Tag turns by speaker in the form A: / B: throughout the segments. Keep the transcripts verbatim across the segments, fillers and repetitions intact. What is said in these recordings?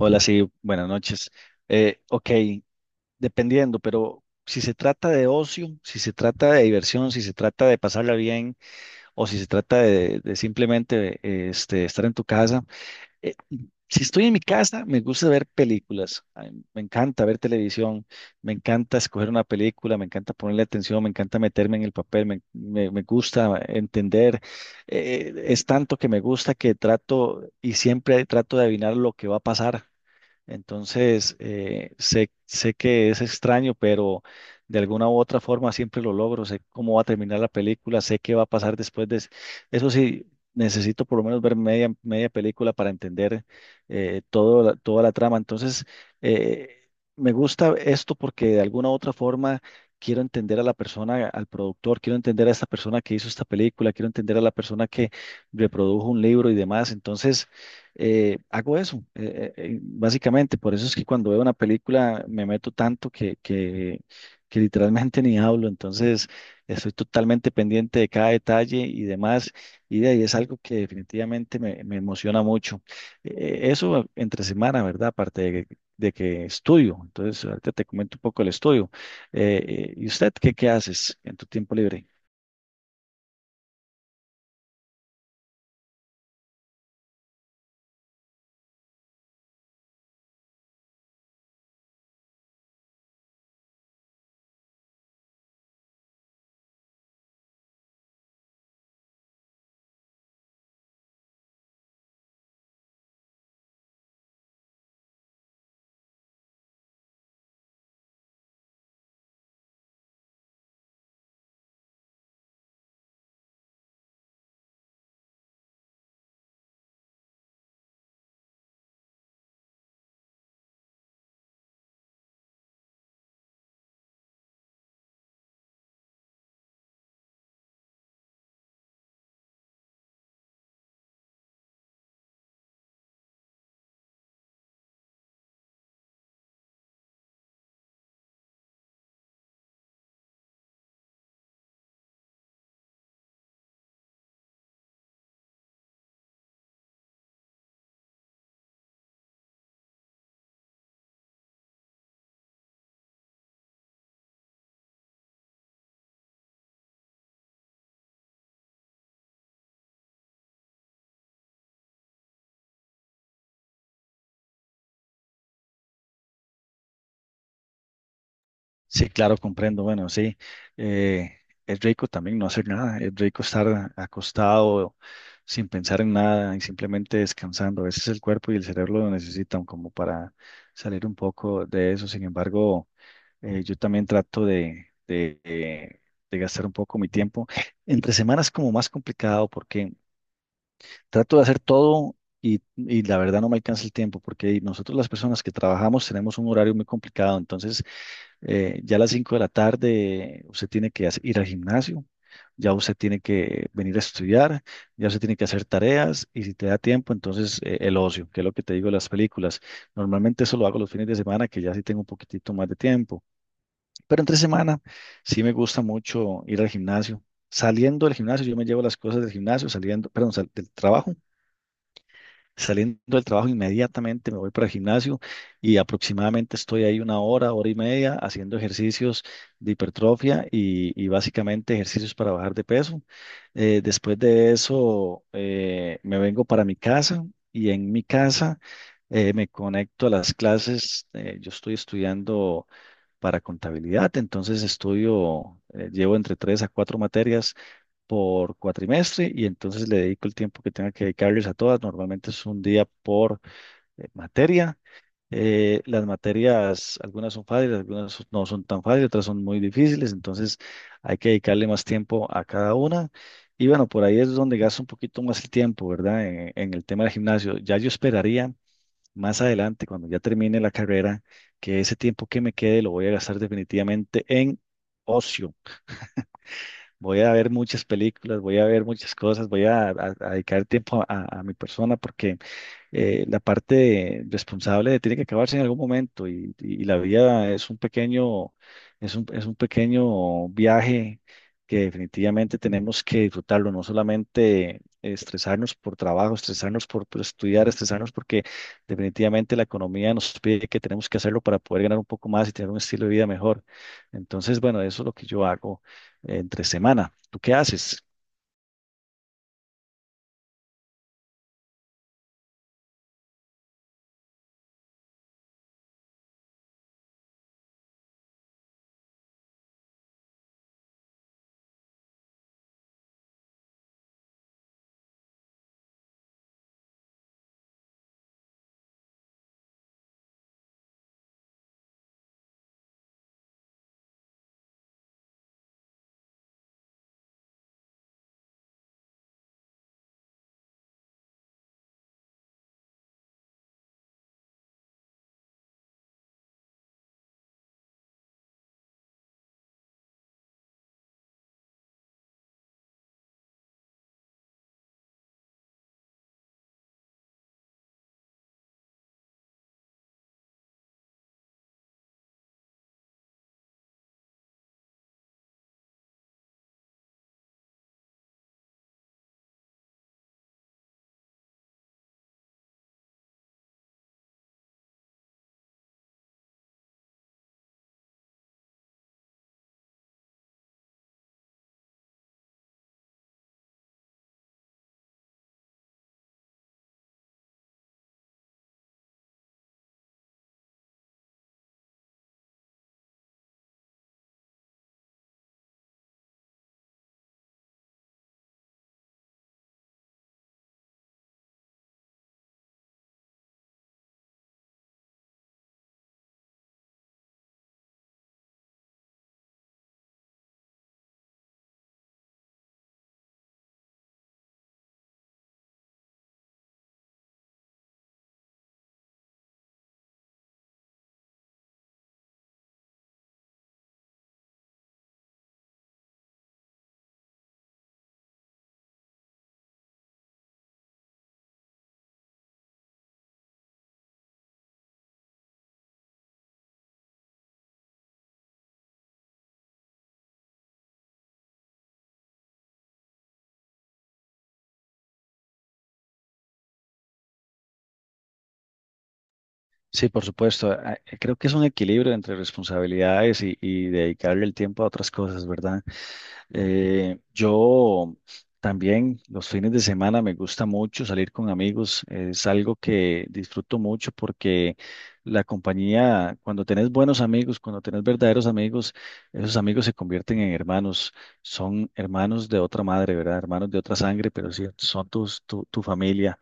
A: Hola, sí, buenas noches. Eh, ok, Dependiendo, pero si se trata de ocio, si se trata de diversión, si se trata de pasarla bien o si se trata de, de simplemente eh, este, estar en tu casa, eh, si estoy en mi casa, me gusta ver películas. Ay, me encanta ver televisión, me encanta escoger una película, me encanta ponerle atención, me encanta meterme en el papel, me, me- me gusta entender, eh, es tanto que me gusta que trato y siempre trato de adivinar lo que va a pasar. Entonces, eh, sé, sé que es extraño, pero de alguna u otra forma siempre lo logro. Sé cómo va a terminar la película, sé qué va a pasar después de... es- Eso sí, necesito por lo menos ver media, media película para entender eh, todo la- toda la trama. Entonces, eh, me gusta esto porque de alguna u otra forma quiero entender a la persona, al productor, quiero entender a esta persona que hizo esta película, quiero entender a la persona que reprodujo un libro y demás. Entonces, eh, hago eso, eh, eh, eh, básicamente. Por eso es que cuando veo una película me meto tanto que, que, que literalmente ni hablo. Entonces, estoy totalmente pendiente de cada detalle y demás. Y de ahí es algo que definitivamente me, me emociona mucho. Eh, eh, eso entre semana, ¿verdad? Aparte de, que de que estudio. Entonces, ahorita te comento un poco el estudio. Eh, eh, ¿y usted qué, qué haces en tu tiempo libre? Sí, claro, comprendo. Bueno, sí, eh, es rico también no hacer nada, es rico estar acostado sin pensar en nada y simplemente descansando. A veces el cuerpo y el cerebro lo necesitan como para salir un poco de eso. Sin embargo, eh, yo también trato de, de, de- de gastar un poco mi tiempo. Entre semanas es como más complicado porque trato de hacer todo y, y la verdad no me alcanza el tiempo porque nosotros las personas que trabajamos tenemos un horario muy complicado. Entonces, eh, ya a las cinco de la tarde usted tiene que hace- ir al gimnasio, ya usted tiene que venir a estudiar, ya usted tiene que hacer tareas y si te da tiempo, entonces eh, el ocio, que es lo que te digo de las películas. Normalmente eso lo hago los fines de semana, que ya sí tengo un poquitito más de tiempo, pero entre semana sí me gusta mucho ir al gimnasio. Saliendo del gimnasio, yo me llevo las cosas del gimnasio, saliendo, perdón, sal- del trabajo. Saliendo del trabajo inmediatamente me voy para el gimnasio y aproximadamente estoy ahí una hora, hora y media haciendo ejercicios de hipertrofia y, y básicamente ejercicios para bajar de peso. Eh, después de eso eh, me vengo para mi casa y en mi casa eh, me conecto a las clases. Eh, yo estoy estudiando para contabilidad, entonces estudio, eh, llevo entre tres a cuatro materias por cuatrimestre y entonces le dedico el tiempo que tenga que dedicarles a todas. Normalmente es un día por eh, materia. Eh, las materias, algunas son fáciles, algunas son- no son tan fáciles, otras son muy difíciles, entonces hay que dedicarle más tiempo a cada una. Y bueno, por ahí es donde gasto un poquito más el tiempo, ¿verdad? En, en el tema del gimnasio. Ya yo esperaría más adelante, cuando ya termine la carrera, que ese tiempo que me quede lo voy a gastar definitivamente en ocio. Voy a ver muchas películas, voy a ver muchas cosas, voy a, a- a dedicar tiempo a, a mi persona porque eh, la parte responsable tiene que acabarse en algún momento y, y la vida es un pequeño, es un, es un pequeño viaje que definitivamente tenemos que disfrutarlo, no solamente estresarnos por trabajo, estresarnos por, por estudiar, estresarnos porque definitivamente la economía nos pide que tenemos que hacerlo para poder ganar un poco más y tener un estilo de vida mejor. Entonces, bueno, eso es lo que yo hago eh, entre semana. ¿Tú qué haces? Sí, por supuesto. Ah, eh, Creo que es un equilibrio entre responsabilidades y, y dedicarle el tiempo a otras cosas, ¿verdad? Eh, yo también los fines de semana me gusta mucho salir con amigos. Es algo que disfruto mucho porque la compañía, cuando tenés buenos amigos, cuando tenés verdaderos amigos, esos amigos se convierten en hermanos. Son hermanos de otra madre, ¿verdad? Hermanos de otra sangre, pero sí, son tus, tu, tu familia.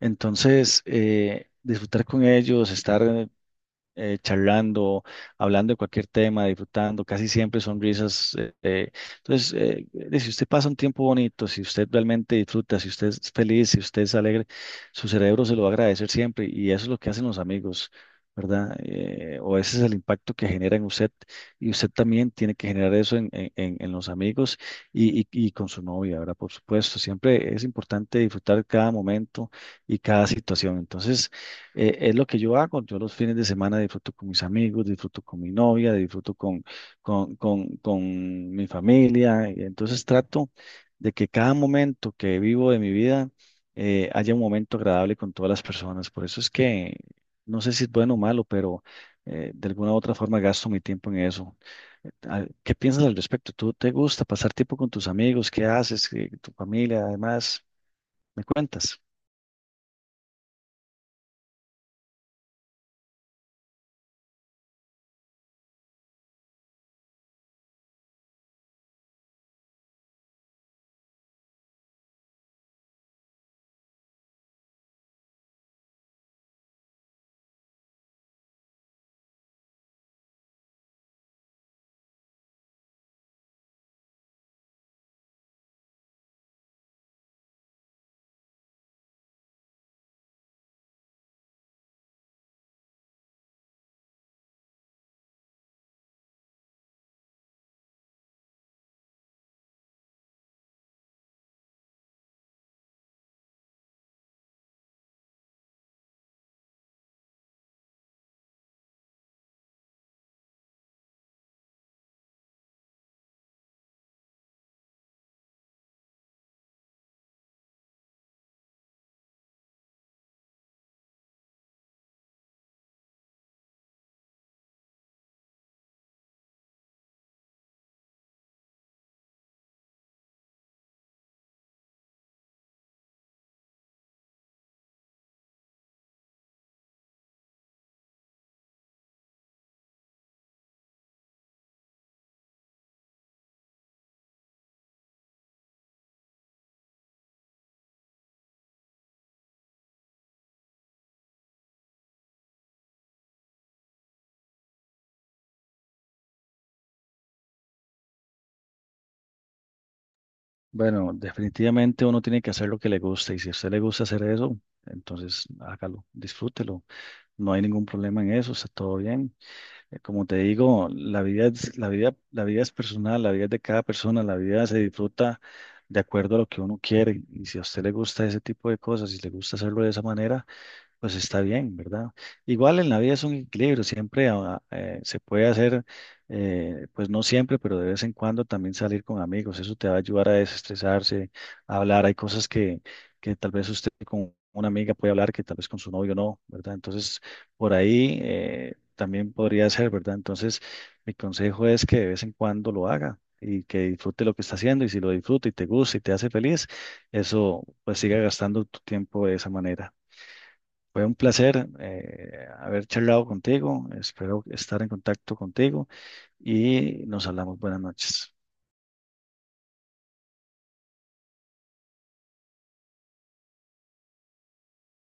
A: Entonces, eh, disfrutar con ellos, estar eh, charlando, hablando de cualquier tema, disfrutando, casi siempre son risas. eh, eh, entonces, eh, eh, si usted pasa un tiempo bonito, si usted realmente disfruta, si usted es feliz, si usted es alegre, su cerebro se lo va a agradecer siempre y eso es lo que hacen los amigos. ¿Verdad? Eh, o ese es el impacto que genera en usted y usted también tiene que generar eso en, en- en- en los amigos y, y- y con su novia, ¿verdad? Por supuesto, siempre es importante disfrutar cada momento y cada situación. Entonces, eh, es lo que yo hago. Yo los fines de semana disfruto con mis amigos, disfruto con mi novia, disfruto con, con, con, con mi familia. y Entonces trato de que cada momento que vivo de mi vida eh, haya un momento agradable con todas las personas. Por eso es que no sé si es bueno o malo, pero eh, de alguna u otra forma gasto mi tiempo en eso. Eh, Ah, ¿Qué piensas al respecto? ¿Tú te gusta pasar tiempo con tus amigos? ¿Qué haces? ¿Qué- ¿Tu familia? Además, ¿me cuentas? Bueno, definitivamente uno tiene que hacer lo que le gusta y si a usted le gusta hacer eso, entonces hágalo, disfrútelo. No hay ningún problema en eso, está todo bien. Eh, Como te digo, la vida es, la vida, la vida es personal, la vida es de cada persona, la vida se disfruta de acuerdo a lo que uno quiere y si a usted le gusta ese tipo de cosas, si le gusta hacerlo de esa manera, pues está bien, ¿verdad? Igual en la vida es un equilibrio, siempre ah, eh, se puede hacer, eh, pues no siempre, pero de vez en cuando también salir con amigos, eso te va a ayudar a desestresarse, a hablar, hay cosas que, que tal vez usted con una amiga puede hablar que tal vez con su novio no, ¿verdad? Entonces, por ahí eh, también podría ser, ¿verdad? Entonces, mi consejo es que de vez en cuando lo haga. Y que disfrute lo que está haciendo y si lo disfruta y te gusta y te hace feliz, eso pues siga gastando tu tiempo de esa manera. Fue un placer eh, haber charlado contigo. Espero estar en contacto contigo y nos hablamos. Buenas noches.